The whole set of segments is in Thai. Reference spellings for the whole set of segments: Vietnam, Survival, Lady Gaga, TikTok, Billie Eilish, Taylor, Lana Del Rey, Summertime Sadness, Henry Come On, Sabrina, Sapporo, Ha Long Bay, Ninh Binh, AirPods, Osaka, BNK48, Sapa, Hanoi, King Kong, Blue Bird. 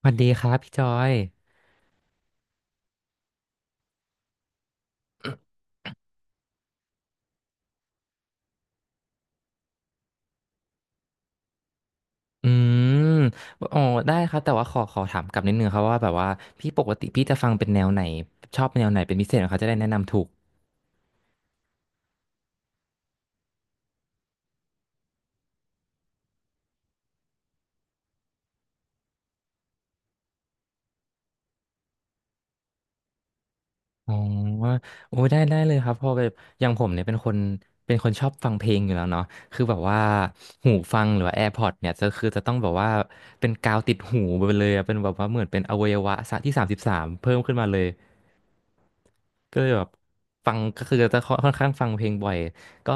สวัสดีครับพี่จอยอืมอ๋อได้ครับแต่ว่าขอถามกลับนิดนึงครับว่าแบบว่าพี่ปกติพี่จะฟังเป็นแนวไหนชอบแนวไหนเป็นพิเศษเขาจะได้แนะนำถูกอ๋อโอ้ได้ได้เลยครับเพอแบบอย่างผมเนี่ยเป็นคนเป็นคนชอบฟังเพลงอยู่แล้วเนาะคือแบบว่าหูฟังหรือว่า AirPods เนี่ยจะคือจะต้องแบบว่าเป็นกาวติดหูไปเลยอะเป็นแบบว่าเหมือนเป็นอวัยวะที่33เพิ่มขึ้นมาเลย ก็เลยแบบฟังก็คือจะค่อนข้างฟังเพลงบ่อยก็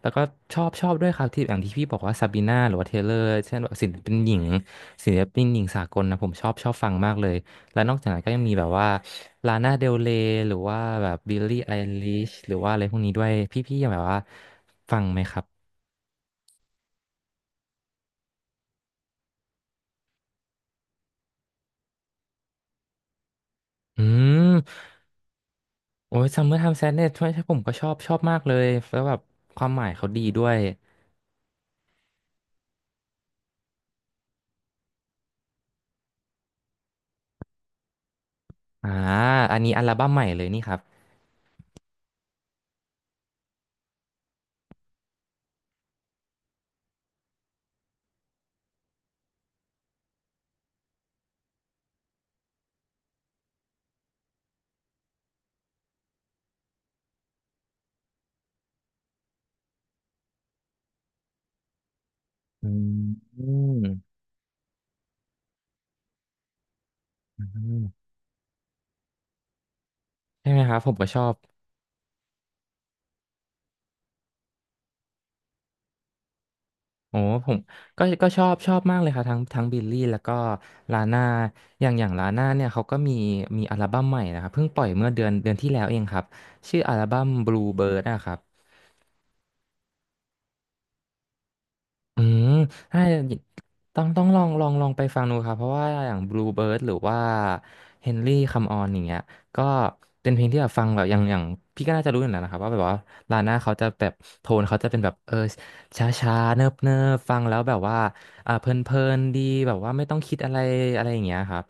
แล้วก็ชอบด้วยครับที่อย่างที่พี่บอกว่าซาบีนาหรือว่าเทเลอร์เช่นแบบศิลปินหญิงศิลปินหญิงสากลนะผมชอบฟังมากเลยและนอกจากนั้นก็ยังมีแบบว่าลานาเดลเรยหรือว่าแบบบิลลี่ไอลิชหรือว่าอะไรพวกนี้ด้วยพี่ๆยังแบบว่าฟังไหมครับอืมโอ้ยซัมเมอร์ไทม์แซดเนสใช่ผมก็ชอบมากเลยแล้วแบบความหมายเขาดีด้วยอ่าอันนี้อัลบั้มใหม่เลยนี่ครับอืม อืมใช่ไหมครับผมก็ชอบโอ้ผมก็ก็ชอบมากเลยครับทั้งบิลลี่แล้วก็ลาน่าอย่างอย่างลาน่าเนี่ยเขาก็มีอัลบั้มใหม่นะครับเพิ่งปล่อยเมื่อเดือนที่แล้วเองครับชื่ออัลบั้ม Blue Bird นะครับ อืมถ้าต้องลองไปฟังดูครับเพราะว่าอย่าง Bluebird หรือว่า Henry Come On อย่างเงี้ยก็เป็นเพลงที่แบบฟังแบบอย่างอย่างพี่ก็น่าจะรู้อยู่แล้วนะครับ ว่าแบบว่าลาน่าเขาจะแบบโทนเขาจะเป็นแบบช้าช้าเนิบเนิบฟัง แล้วแบบว่าอ่าเพลินเพลินดีแบบว่าไม่ต้องคิดอะไรอะไรอย่างเงี้ยครับ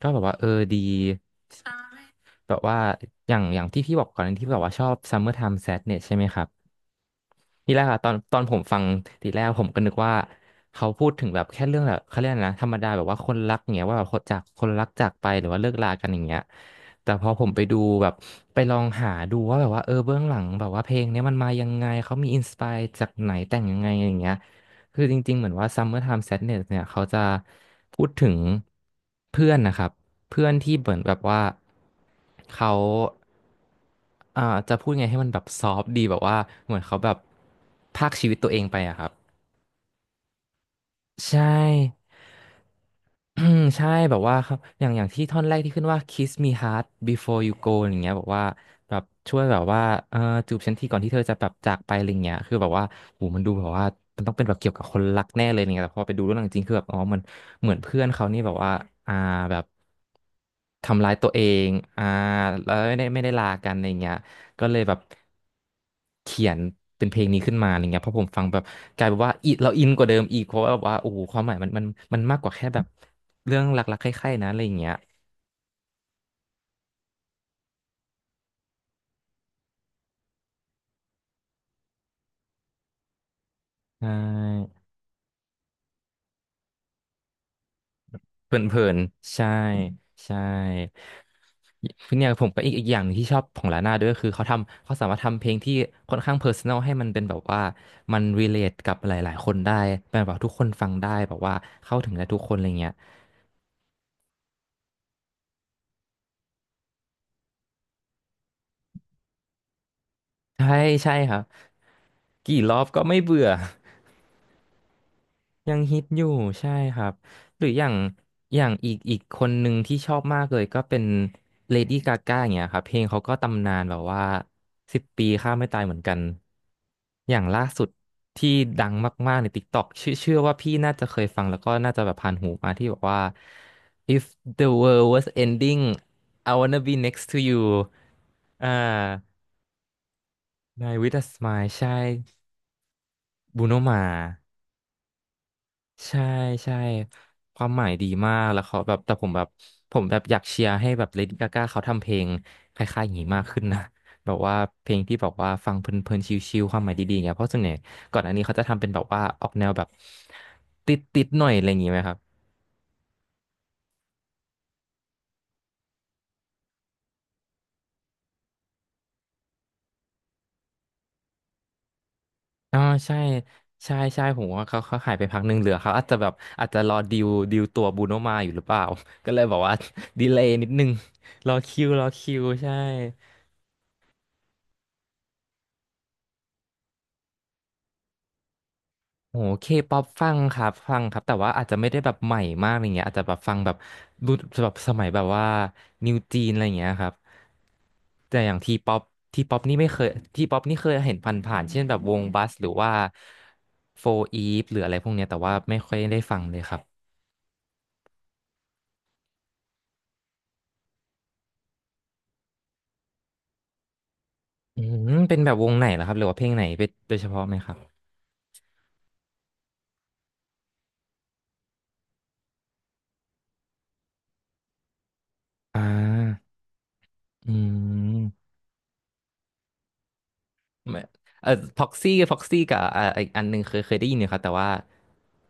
ก็แบบว่าเออดี แบบว่าอย่างอย่างที่พี่บอกก่อนที่แบบว่าชอบ Summer Time Sadness ใช่ไหมครับ นี่แหละค่ะตอนตอนผมฟังทีแรกผมก็นึกว่าเขาพูดถึงแบบแค่เรื่องแบบเขาเรียกอะไรนะธรรมดาแบบว่าคนรักอย่างเงี้ยว่าแบบคนจากคนรักจากไปหรือว่าเลิกลากันอย่างเงี้ยแต่พอผมไปดูแบบไปลองหาดูว่าแบบว่าเบื้องหลังแบบว่าเพลงเนี้ยมันมายังไงเขามีอินสปายจากไหนแต่งยังไงอย่างเงี้ย คือจริงๆ เหมือนว่า Summertime Sadness เนี่ยเขาจะพูดถึงเพื่อนนะครับเพื่อนที่เหมือนแบบว่าเขาอ่าจะพูดไงให้มันแบบซอฟต์ดีแบบว่าเหมือนเขาแบบพากชีวิตตัวเองไปอะครับใช่ อืมใช่แบบว่าครับอย่างอย่างที่ท่อนแรกที่ขึ้นว่า kiss me hard before you go อย่างเงี้ยแบบว่าแบบช่วยแบบว่าเออจูบฉันทีก่อนที่เธอจะแบบจากไปอะไรเงี้ยคือแบบว่าโหมันดูแบบว่ามันต้องเป็นแบบเกี่ยวกับคนรักแน่เลยเนี่ยแต่พอไปดูเรื่องจริงคือแบบอ๋อมันเหมือนเพื่อนเขานี่แบบว่าอ่าแบบทำร้ายตัวเองอ่าแล้วไม่ได้ลากันอะไรเงี้ยก็เลยแบบเขียนเป็นเพลงนี้ขึ้นมาอะไรเงี้ยเพราะผมฟังแบบกลายเป็นว่าอิเราอินกว่าเดิมอีกเพราะว่าแบบว่าโอ้โหความหมายมันมากกว่าแค่แบบ เรื่องรักๆใคร่ๆนะอะไรอย่างเงี้ยใช่เพลินๆใช่ใช่เนี่ยผมก็อีกอีกอย่างหนึ่งที่ชอบของลาน่าด้วยก็คือเขาทำเขาสามารถทำเพลงที่ค่อนข้างเพอร์ซันอลให้มันเป็นแบบว่ามัน relate กับหลายๆคนได้เป็นแบบว่าทุกคนฟังได้แบบว่าเข้าถึงได้ทุกคนอะไรเงี้ยใช่ใช่ครับกี่รอบก็ไม่เบื่อ ยังฮิตอยู่ใช่ครับหรืออย่างอย่างอีกอีกคนหนึ่งที่ชอบมากเลยก็เป็นเลดี้กาก้าอย่างเงี้ยครับเพลงเขาก็ตำนานแบบว่า10 ปีข้ามไม่ตายเหมือนกันอย่างล่าสุดที่ดังมากๆใน TikTok ชื่อเชื่อว่าพี่น่าจะเคยฟังแล้วก็น่าจะแบบผ่านหูมาที่บอกว่า If the world was ending I wanna be next to you อ่า n i with a smile ใช่บูโนมา ใช่ใช่ความหมายดีมากแล้วเขาแบบแต่ผมแบบอยากเชียร์ให้แบบเลดี้กาก้าเขาทำเพลงคล้ายๆอย่างนี้มากขึ้นนะแบบว่าเพลงที่แบบว่าฟังเพลินๆชิลๆความหมายดีๆอย่างเงี้ยเพราะส่วนใหญ่ก่อนอันนี้เขาจะทำเป็นแบบว่าออกแนวแบบติดๆหน่อยอะไรอย่างงี้ไหมครับอ๋อใช่ใช่ใช่ผมว่าเขาหายไปพักหนึ่งเหลือเขาอาจจะแบบอาจจะรอดิวตัวบูโนมาอยู่หรือเปล่า ก็เลยบอกว่า ดีเลย์นิดนึงรอคิวใช่ โอ้เคป๊อปฟังครับแต่ว่าอาจจะไม่ได้แบบใหม่มากอะไรเงี้ยอาจจะแบบฟังแบบรุ่นแบบสมัยแบบว่านิวจีนอะไรเงี้ยครับแต่อย่างทีป๊อปทีป๊อปนี่ไม่เคยทีป๊อปนี่เคยเห็นผ่านๆเช่นแบบวงบัสหรือว่าโฟอีฟหรืออะไรพวกเนี้ยแต่ว่าไม่ค่อยได้ฟังเลยครับอืมเป็นแบบวงไหนเหรอครับหรือว่าเพลงไหนเป็นโดยเฉพาะไหมครับอ่าอืมไม่พ็อกซี่กับอีกอันหนึ่งเคยได้ยินอยู่ครับแต่ว่า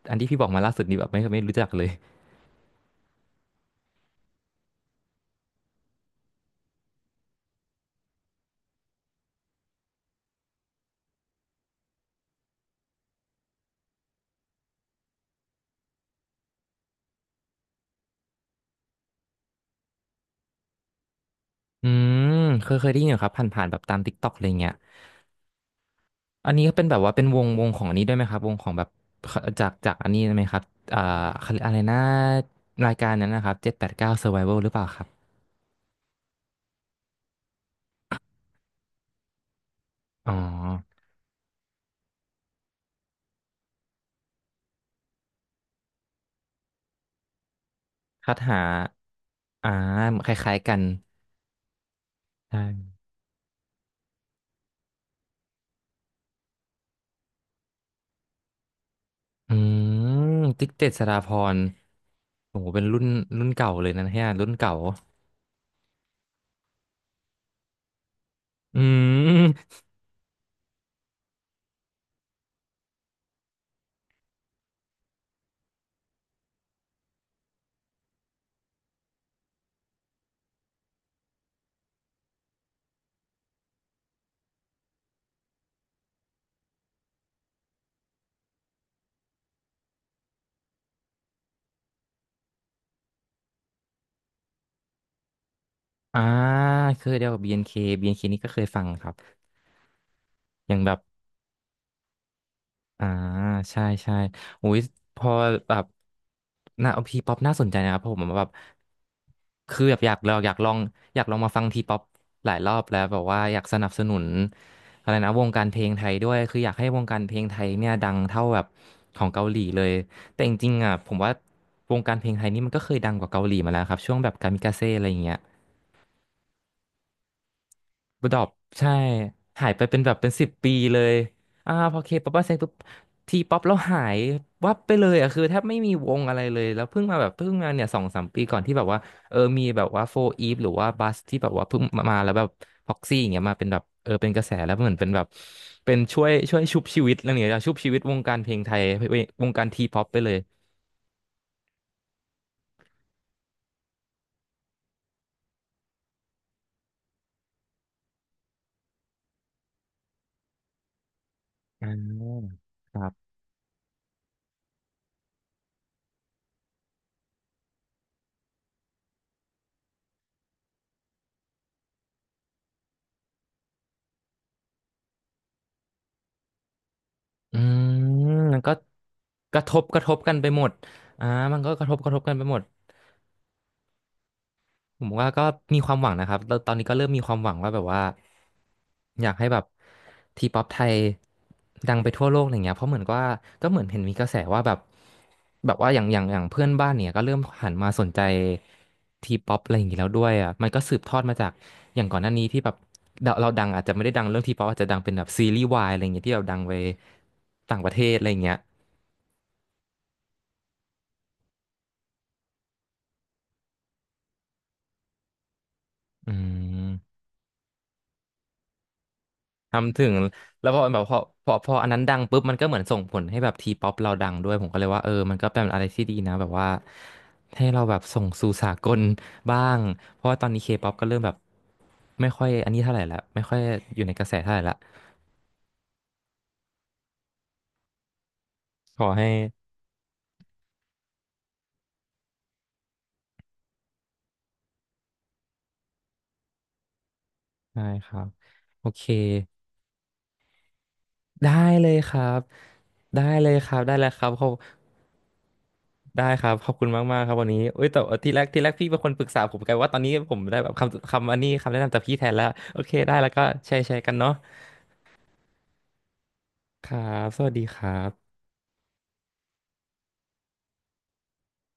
อันที่พี่บอกมาล่าสุดนี่แบบไม่รู้จักเลย อืมเคยได้ยินอยู่ครับผ่านๆแบบตาม t ิ k กต k อกอะไรเงี้ยอันนี้ก็เป็นแบบว่าเป็นวงของอันนี้ด้วยไหมครับวงของแบบจากอันนี้ไหมครับอ่าเขาเรียกอะไรนะรายการนั้นนะครับเจ็ดแปดเก้า Survival หรือเปล่าครับอ๋อคัดหาอ่าคล้ายๆกันใช่อืมติ๊กเจ็ดสราพรโอ้โหเป็นรุ่นรุ่นเก่าเลยนะเนี่ยรุ่นเก่าอืมอ่าเคยเดียวกับ BNK นเคบีเอ็นเคนี่ก็เคยฟังครับอย่างแบบ อ่าใช่ใช่อุ้ยพอแบบน่าทีป๊อปน่าสนใจนะครับเพราะผมแบบคือแบบอยากลองอยากลองมาฟังทีป๊อปหลายรอบแล้วแบบว่าอยากสนับสนุนอะไรนะวงการเพลงไทยด้วยคืออยากให้วงการเพลงไทยเนี่ยดังเท่าแบบของเกาหลีเลยแต่จริงๆอ่ะผมว่าวงการเพลงไทยนี่มันก็เคยดังกว่าเกาหลีมาแล้วครับช่วงแบบกามิกาเซ่อะไรอย่างเงี้ย บูดอปใช่หายไปเป็นแบบเป็นสิบปีเลยอ่าพอเคป๊อปมาเซ็งปุ๊บทีป๊อปแล้วหายวับไปเลยอ่ะคือแทบไม่มีวงอะไรเลยแล้วเพิ่งมาแบบเพิ่งมาเนี่ยสองสามปีก่อนที่แบบว่าเออมีแบบว่าโฟอีฟหรือว่าบัสที่แบบว่าเพิ่งมาแล้วแบบพ็อกซี่อย่างเงี้ยมาเป็นแบบเออเป็นกระแสแล้วเหมือนเป็นแบบเป็นช่วยชุบชีวิตอะไรอย่างเงี้ยชุบชีวิตวงการเพลงไทยวงการทีป๊อปไปเลยอ่าครับอืมมันก็กระทบกันไปหมดอ่ามันก็กระทบกันไปหมด ผมว่าก็มีความหวังนะครับแล้วตอนนี้ก็เริ่มมีความหวังว่าแบบว่าอยากให้แบบทีป๊อปไทยดังไปทั่วโลกอะไรเงี้ยเพราะเหมือนกับว่าก็เหมือนเห็นมีกระแสว่าแบบแบบว่าอย่างเพื่อนบ้านเนี่ยก็เริ่มหันมาสนใจทีป๊อปอะไรอย่างงี้แล้วด้วยอ่ะมันก็สืบทอดมาจากอย่างก่อนหน้านี้ที่แบบเราดังอาจจะไม่ได้ดังเรื่องทีป๊อปอาจจะดังเป็นแบบซีรีส์วายอะไรอย่างเงี้ยที่เราดังไปต่างประเทศอะไรอย่างเงี้ยอืม ทำถึงแล้วพอแบบพออันนั้นดังปุ๊บมันก็เหมือนส่งผลให้แบบทีป๊อปเราดังด้วยผมก็เลยว่าเออมันก็เป็นอะไรที่ดีนะแบบว่าให้เราแบบส่งสู่สากลบ้างเพราะว่าตอนนี้เคป๊อปก็เริ่มแบบไม่ค่อยอันนี้เท่าไหร่ละไม่ค่อยอยู่ในกระแสเท่าไหร่ละขอให้ใช่ครับโอเค ได้เลยครับ ได้เลยครับเขาได้ครับขอบคุณมากมากครับวันนี้เอ้ยแต่ที่แรกพี่เป็นคนปรึกษาผมกันว่าตอนนี้ผมได้แบบคำอันนี้คำแนะนำจากพี่แทนแล้วโอเคได้แล้วก็แชร์กันเนาะครับสวัสดีครับ